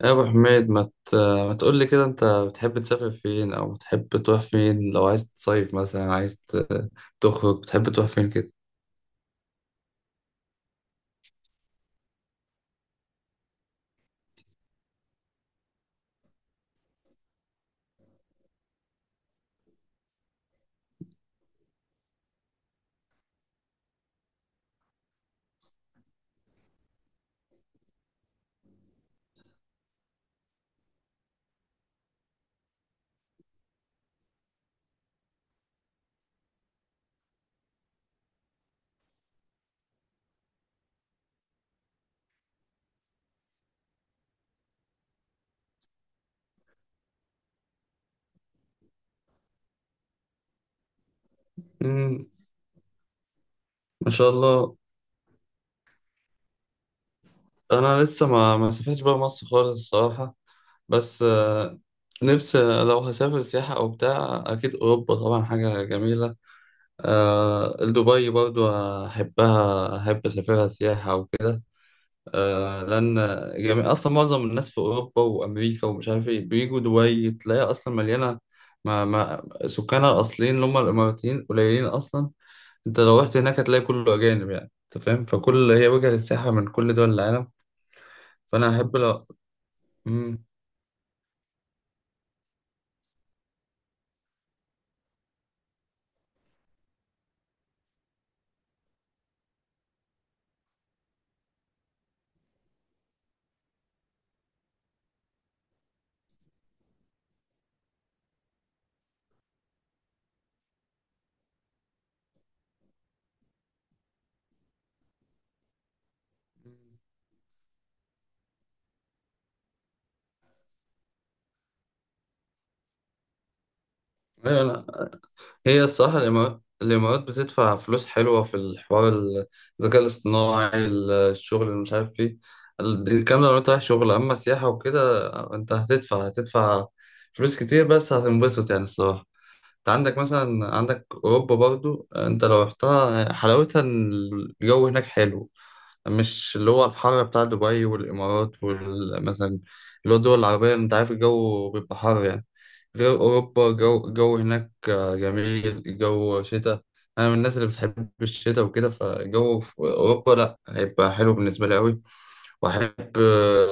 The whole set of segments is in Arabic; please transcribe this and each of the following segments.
يا ابو حميد ما تقول لي كده انت بتحب تسافر فين او بتحب تروح فين لو عايز تصيف مثلا تخرج بتحب تروح فين كده. امم ما شاء الله. انا لسه ما سافرتش بره مصر خالص الصراحه، بس نفسي لو هسافر سياحه او بتاع اكيد اوروبا طبعا حاجه جميله. دبي برضو احبها، احب اسافرها سياحه وكده، لان جميع اصلا معظم الناس في اوروبا وامريكا ومش عارف ايه بيجوا دبي، تلاقيها اصلا مليانه. ما سكانها الاصليين اللي هم الاماراتيين قليلين اصلا. انت لو رحت هناك هتلاقي كله اجانب يعني، انت فاهم، فكل هي وجهه للسياحه من كل دول العالم. فانا احب لو. مم. ايوه. هي الصراحة الإمارات بتدفع فلوس حلوة في الحوار، الذكاء الاصطناعي، الشغل اللي مش عارف ايه، الكلام ده لو انت رايح شغل أما سياحة وكده انت هتدفع فلوس كتير، بس هتنبسط يعني الصراحة. انت عندك مثلا أوروبا برضو، انت لو رحتها حلاوتها إن الجو هناك حلو، مش اللي هو الحر بتاع دبي والإمارات، ومثلا اللي هو الدول العربية أنت عارف الجو بيبقى حر يعني، غير أوروبا الجو هناك جميل، الجو شتاء. أنا من الناس اللي بتحب الشتاء وكده، فالجو في أوروبا لأ هيبقى حلو بالنسبة لي أوي، وأحب،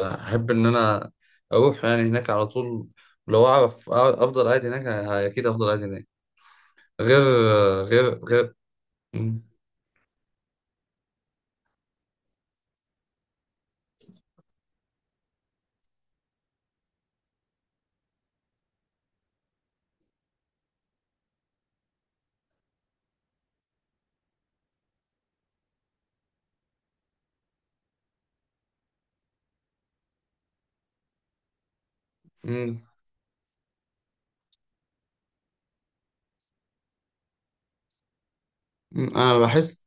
أحب إن أنا أروح يعني هناك على طول، لو أعرف أفضل قاعد هناك، أكيد أفضل قاعد هناك. غير غير غير م- م- م- أنا بحس،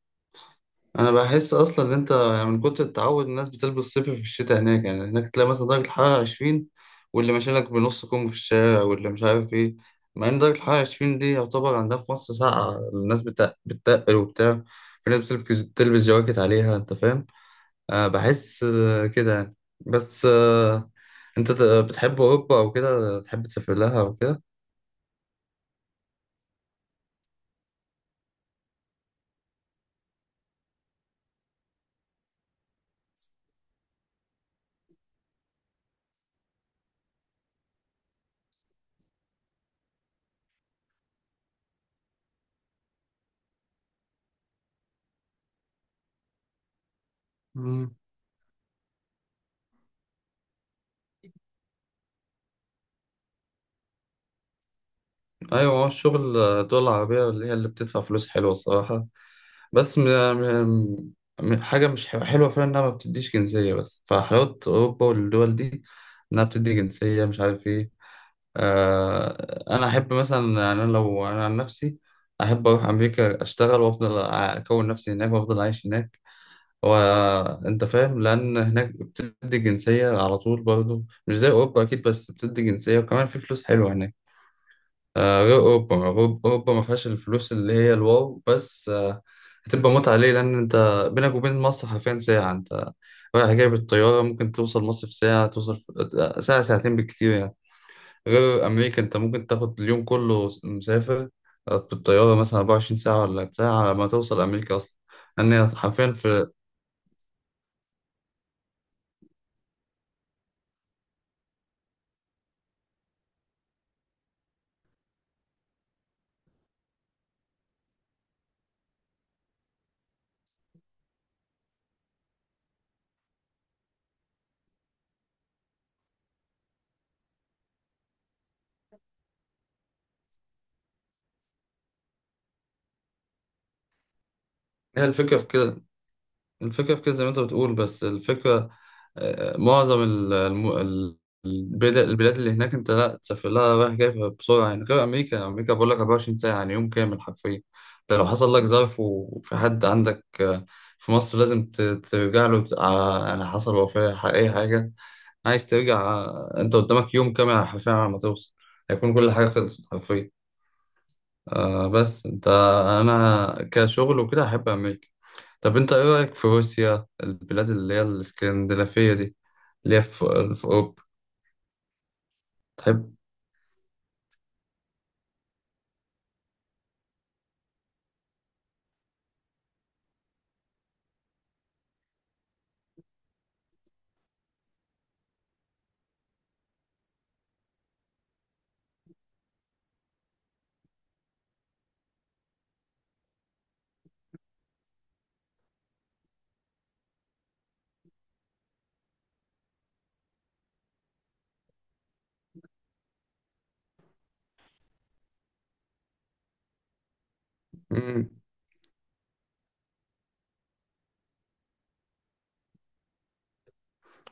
انا بحس اصلا ان انت يعني من كتر التعود الناس بتلبس صيفي في الشتاء هناك يعني، هناك تلاقي مثلا درجه الحراره 20، واللي ماشي لك بنص كم في الشارع واللي مش عارف ايه، مع ان درجه الحراره 20 دي يعتبر عندها في مصر ساقعه، الناس بتتقل وبتاع. في ناس بتلبس جواكت عليها، انت فاهم. أه بحس كده يعني، بس أه انت بتحب اوروبا او كده، تحب تسافر لها او كده؟ مم. ايوه، هو الشغل الدول العربيه اللي هي اللي بتدفع فلوس حلوه الصراحه. بس م... م... م- حاجة مش ح- حلوة فيها إنها ما بتديش جنسية، بس فحلاوة أوروبا والدول دي إنها بتدي جنسية مش عارف إيه. أنا أحب مثلا يعني، أنا لو أنا عن نفسي أحب أروح أمريكا أشتغل وأفضل أكون نفسي هناك وأفضل أعيش هناك، وأنت فاهم، لأن هناك بتدي جنسية على طول برضه مش زي أوروبا أكيد، بس بتدي جنسية وكمان في فلوس حلوة هناك. غير أوروبا، أوروبا ما فيهاش الفلوس اللي هي الواو، بس هتبقى متعة ليه لأن أنت بينك وبين مصر حرفيا ساعة، أنت رايح جاي بالطيارة ممكن توصل مصر في ساعة، توصل في ساعة ساعتين بالكتير يعني. غير أمريكا، أنت ممكن تاخد اليوم كله مسافر بالطيارة مثلا 24 ساعة ولا بتاع على ما توصل أمريكا أصلا، لأن هي حرفيا في. هي الفكرة في كده، الفكرة في كده زي ما انت بتقول، بس الفكرة معظم البلاد اللي هناك انت لا تسافر لها رايح جاي بسرعة يعني، غير أمريكا، أمريكا بقول لك 24 ساعة يعني يوم كامل حرفيا. انت لو حصل لك ظرف وفي حد عندك في مصر لازم ترجع له يعني حصل وفاة أي حاجة عايز ترجع، انت قدامك يوم كامل حرفيا على ما توصل، هيكون كل حاجة خلصت حرفيا. آه بس انت، انا كشغل وكده احب امريكا. طب انت ايه رايك في روسيا، البلاد اللي هي الاسكندنافيه دي اللي هي في في اوروبا، تحب؟ مم.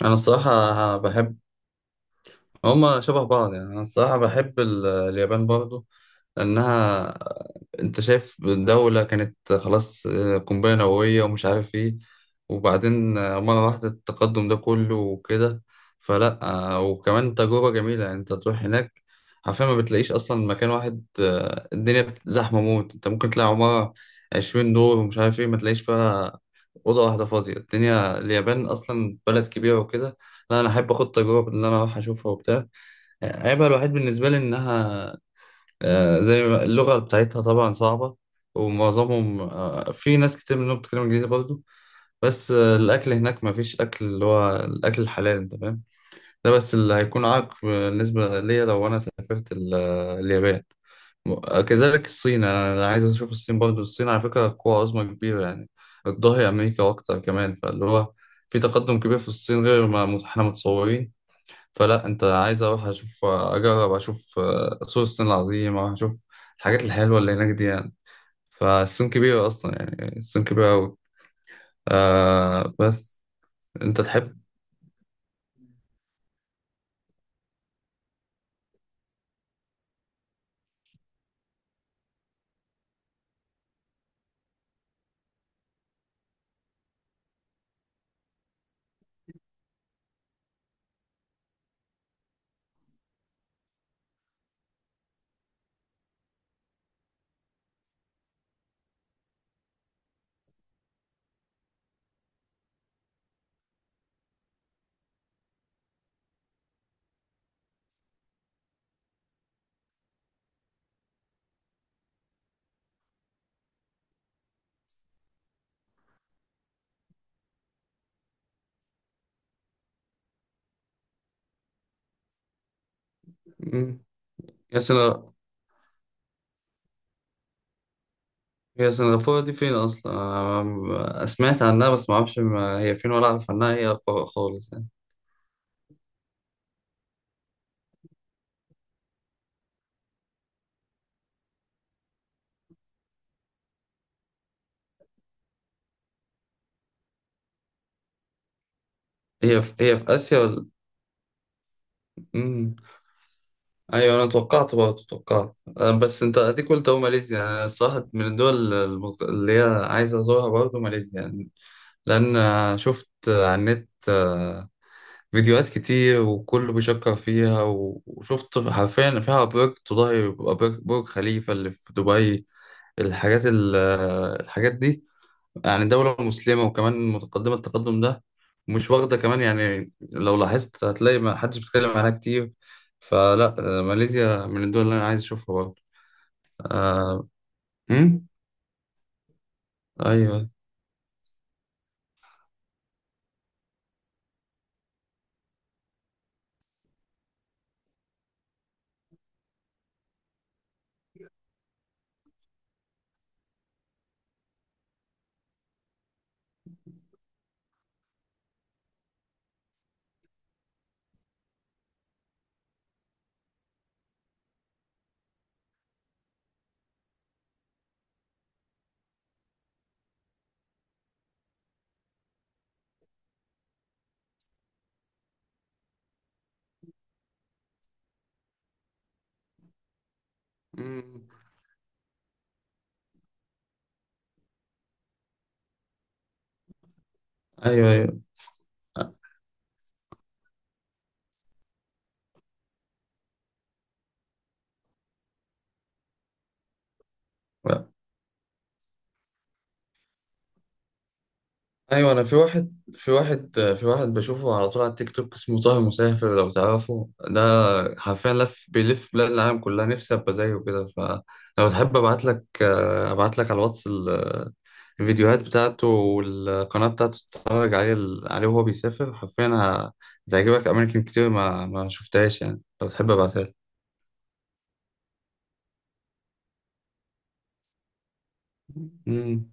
انا الصراحه بحب، هما شبه بعض يعني. أنا الصراحة بحب اليابان برضو لأنها، أنت شايف دولة كانت خلاص قنبلة نووية ومش عارف إيه، وبعدين مرة واحدة التقدم ده كله وكده، فلأ وكمان تجربة جميلة يعني، أنت تروح هناك حرفيا ما بتلاقيش أصلا مكان واحد، الدنيا زحمة موت، أنت ممكن تلاقي عمارة 20 دور ومش عارف إيه ما تلاقيش فيها أوضة واحدة فاضية، الدنيا اليابان أصلا بلد كبيرة وكده. لا، أنا أحب أخد تجربة إن أنا أروح أشوفها وبتاع. عيبها الوحيد بالنسبة لي إنها زي ما اللغة بتاعتها طبعا صعبة، ومعظمهم، في ناس كتير منهم بتتكلم إنجليزي برضه، بس الأكل هناك مفيش أكل اللي هو الأكل الحلال، أنت فاهم، ده بس اللي هيكون عائق بالنسبة ليا لو أنا سافرت اليابان. كذلك الصين، أنا عايز أشوف الصين برضه. الصين على فكرة قوة عظمى كبيرة يعني، بتضاهي أمريكا وأكتر كمان، فاللي هو في تقدم كبير في الصين غير ما إحنا متصورين. فلا، انت عايز اروح اشوف، اجرب اشوف سور الصين العظيم، اروح اشوف الحاجات الحلوه اللي هناك دي يعني. فالصين كبيره اصلا يعني، الصين كبيره قوي. آه بس انت تحب. مم. يا سنغ... هي سنغافوره دي فين اصلا؟ آه سمعت عنها بس ما اعرفش ما هي فين ولا اعرف عنها، خالص يعني. هي في... هي في اسيا ولا؟ مم. ايوه، انا توقعت برضه، توقعت بس انت اديك قلت اهو ماليزيا، انا الصراحه من الدول اللي هي عايز ازورها برضه ماليزيا يعني. لأن شفت على النت فيديوهات كتير وكله بيشكر فيها، وشفت حرفيا فيها برج تضاهي برج خليفة اللي في دبي، الحاجات ال- الحاجات دي يعني، دولة مسلمة وكمان متقدمة التقدم ده، مش واخدة كمان، يعني لو لاحظت هتلاقي ما حدش بيتكلم عنها كتير، فلا ماليزيا من الدول اللي أنا عايز أشوفها برضه. آه، أمم؟ أيوه. أمم، أيوه، أيوه. ايوه، انا في واحد، في واحد بشوفه على طول على التيك توك اسمه طه مسافر، لو تعرفه ده، حرفيا لف، بيلف بلاد العالم كلها، نفسي ابقى زيه كده. فلو تحب ابعت لك، ابعت لك على الواتس الفيديوهات بتاعته والقناه بتاعته، تتفرج عليه وهو بيسافر حرفيا، هتعجبك اماكن كتير ما ما شفتهاش يعني، لو تحب ابعتها لك. مم.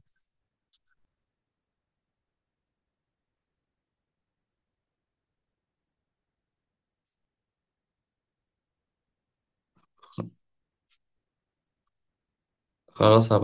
خلاص هبعت.